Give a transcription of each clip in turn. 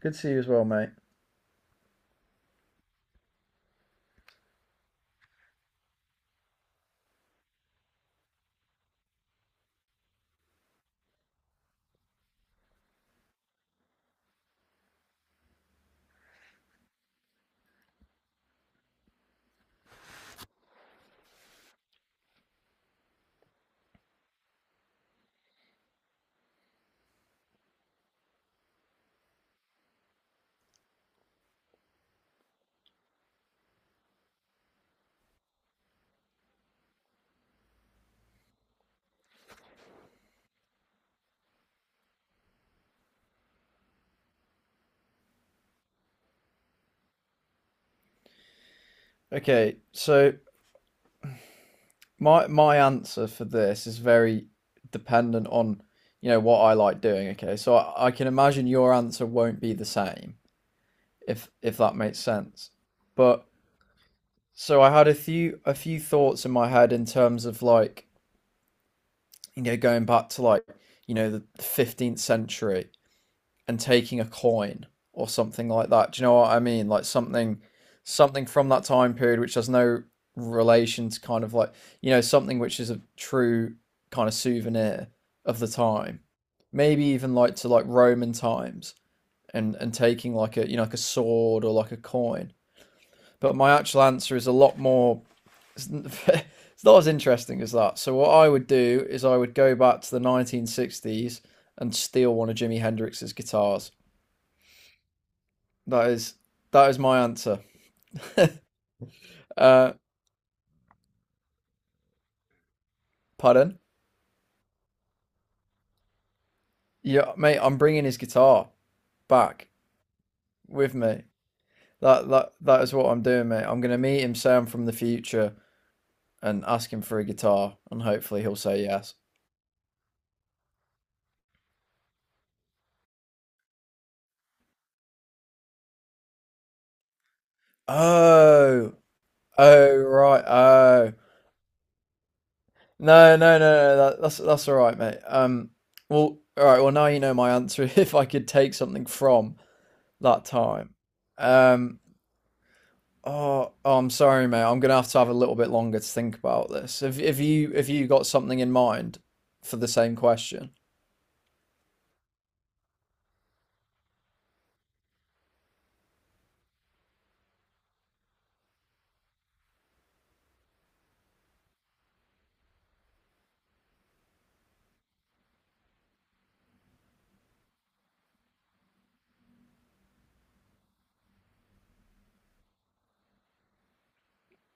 Good to see you as well, mate. Okay, so my answer for this is very dependent on, you know, what I like doing. Okay, so I can imagine your answer won't be the same if that makes sense. But so I had a few thoughts in my head in terms of like, you know, going back to like, you know, the 15th century and taking a coin or something like that. Do you know what I mean? Like something from that time period which has no relation to kind of like, you know, something which is a true kind of souvenir of the time. Maybe even like to like Roman times and taking like a, you know, like a sword or like a coin. But my actual answer is a lot more. It's not as interesting as that. So what I would do is I would go back to the 1960s and steal one of Jimi Hendrix's guitars. That is that is my answer. uh, Pardon? Yeah, mate. I'm bringing his guitar back with me. That is what I'm doing, mate. I'm gonna meet him, say I'm from the future, and ask him for a guitar, and hopefully he'll say yes. Oh, oh, right. Oh, no. That's that's all right, mate. Well, all right. Well, now you know my answer. If I could take something from that time, um. Oh, oh, I'm sorry, mate. I'm gonna have to have a little bit longer to think about this. Have you have you got something in mind for the same question?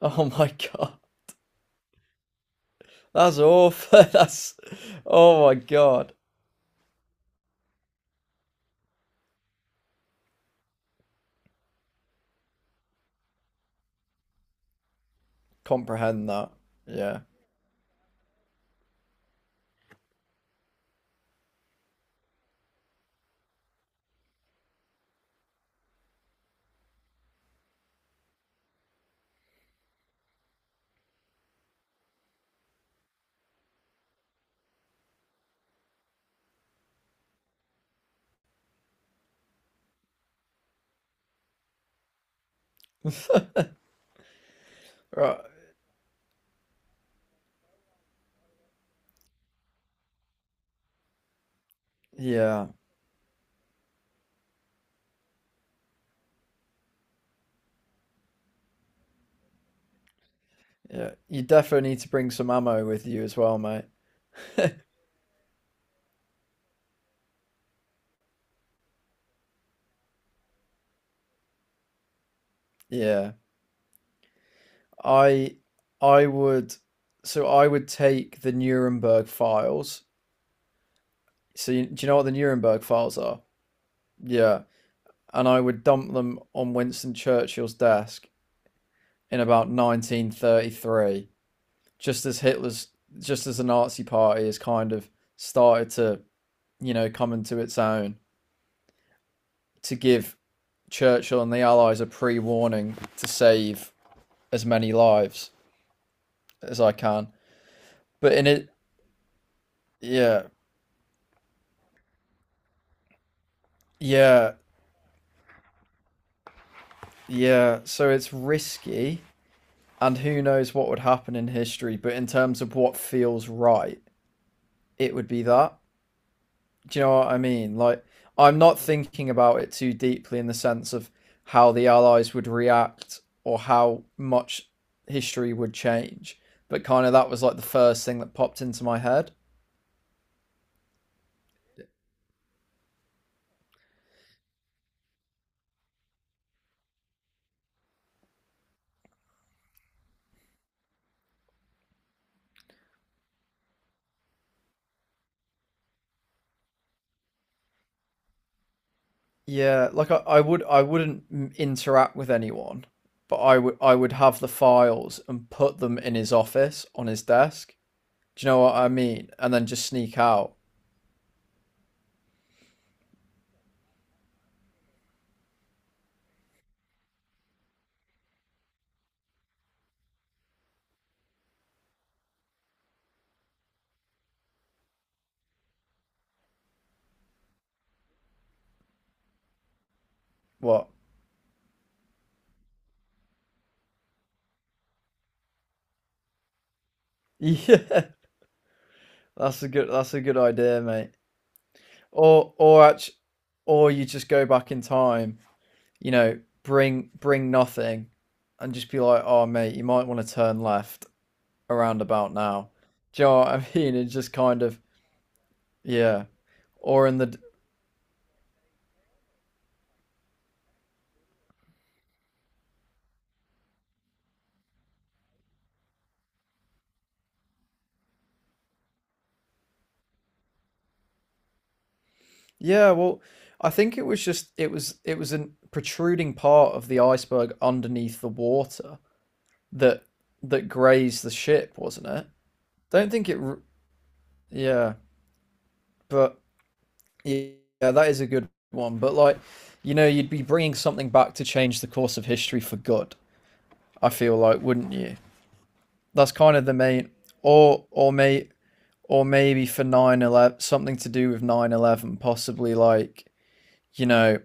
Oh my God. That's awful. That's Oh my God. Comprehend that. Yeah. Right. Yeah. Yeah. You definitely need to bring some ammo with you as well, mate. Yeah. I I would so I would take the Nuremberg files. So you, do you know what the Nuremberg files are? Yeah. And I would dump them on Winston Churchill's desk in about 1933, just as the Nazi Party has kind of started to, you know, come into its own, to give Churchill and the Allies a pre-warning to save as many lives as I can. But in it, yeah, yeah, yeah. So it's risky, and who knows what would happen in history. But in terms of what feels right, it would be that. Do you know what I mean? Like, I'm not thinking about it too deeply in the sense of how the Allies would react or how much history would change, but kind of that was like the first thing that popped into my head. Yeah, like I wouldn't interact with anyone, but I would have the files and put them in his office on his desk. Do you know what I mean? And then just sneak out. What? Yeah, that's a good idea, mate. Or you just go back in time, you know, bring nothing, and just be like, oh mate, you might want to turn left around about now. Do you know what I mean? It's just kind of yeah, or in the yeah. Well, I think it was just it was a protruding part of the iceberg underneath the water that grazed the ship, wasn't it? Don't think it. R- Yeah, but yeah, that is a good one. But like, you know, you'd be bringing something back to change the course of history for good. I feel like, wouldn't you? That's kind of the main, or or may or maybe for 9/11, something to do with 9/11, possibly like, you know,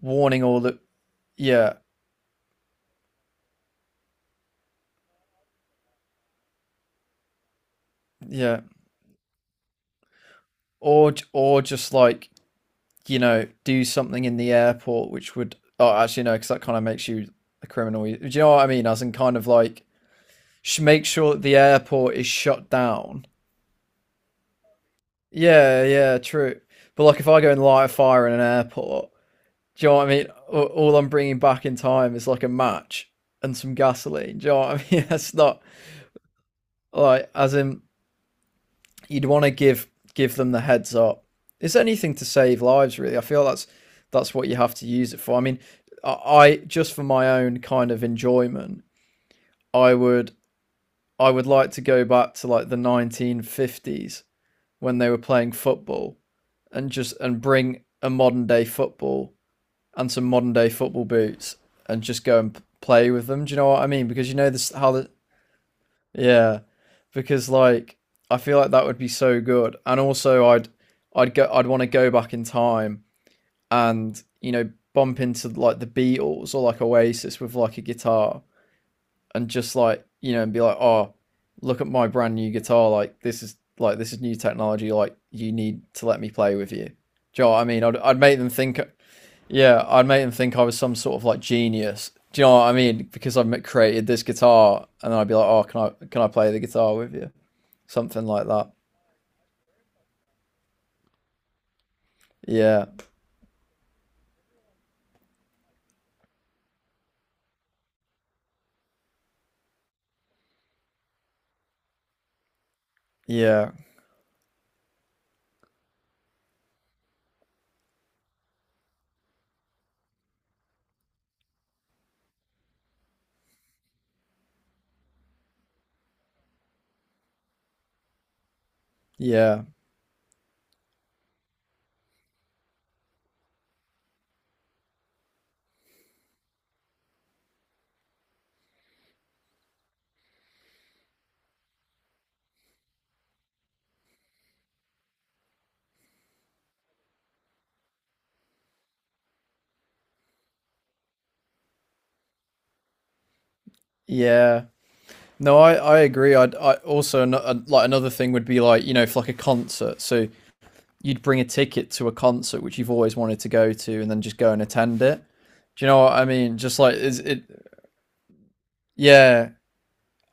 warning all the yeah yeah, or just like, you know, do something in the airport which would actually no, because that kind of makes you a criminal. Do you know what I mean? As in kind of like make sure that the airport is shut down. Yeah, yeah, true. But like, if I go and light a fire in an airport, do you know what I mean? All I'm bringing back in time is like a match and some gasoline. Do you know what I mean? That's not like, as in, you'd want to give them the heads up. It's anything to save lives, really. I feel that's what you have to use it for. I mean, I just for my own kind of enjoyment, I would I would like to go back to like the 1950s when they were playing football and just and bring a modern day football and some modern day football boots and just go and play with them. Do you know what I mean? Because you know this how the yeah, because like I feel like that would be so good, and also I'd want to go back in time and, you know, bump into like the Beatles or like Oasis with like a guitar and just like, you know, and be like, oh, look at my brand new guitar, like this is new technology, like you need to let me play with you. Do you know what I mean? I'd make them think yeah, I'd make them think I was some sort of like genius. Do you know what I mean? Because I've created this guitar, and I'd be like, "Oh, can I play the guitar with you?" Something like that. Yeah, yeah, yeah, yeah. No, I agree. I'd I also like another thing would be like, you know, for like a concert. So you'd bring a ticket to a concert which you've always wanted to go to, and then just go and attend it. Do you know what I mean? Just like, is it? Yeah.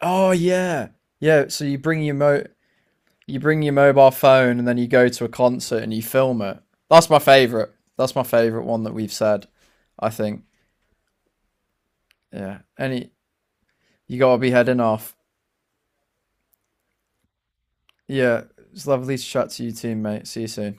Oh yeah. Yeah. So you bring your mobile phone and then you go to a concert and you film it. That's my favorite. That's my favorite one that we've said. I think. Yeah. Any you gotta be heading off. Yeah. It's lovely to chat to you too, mate. See you soon.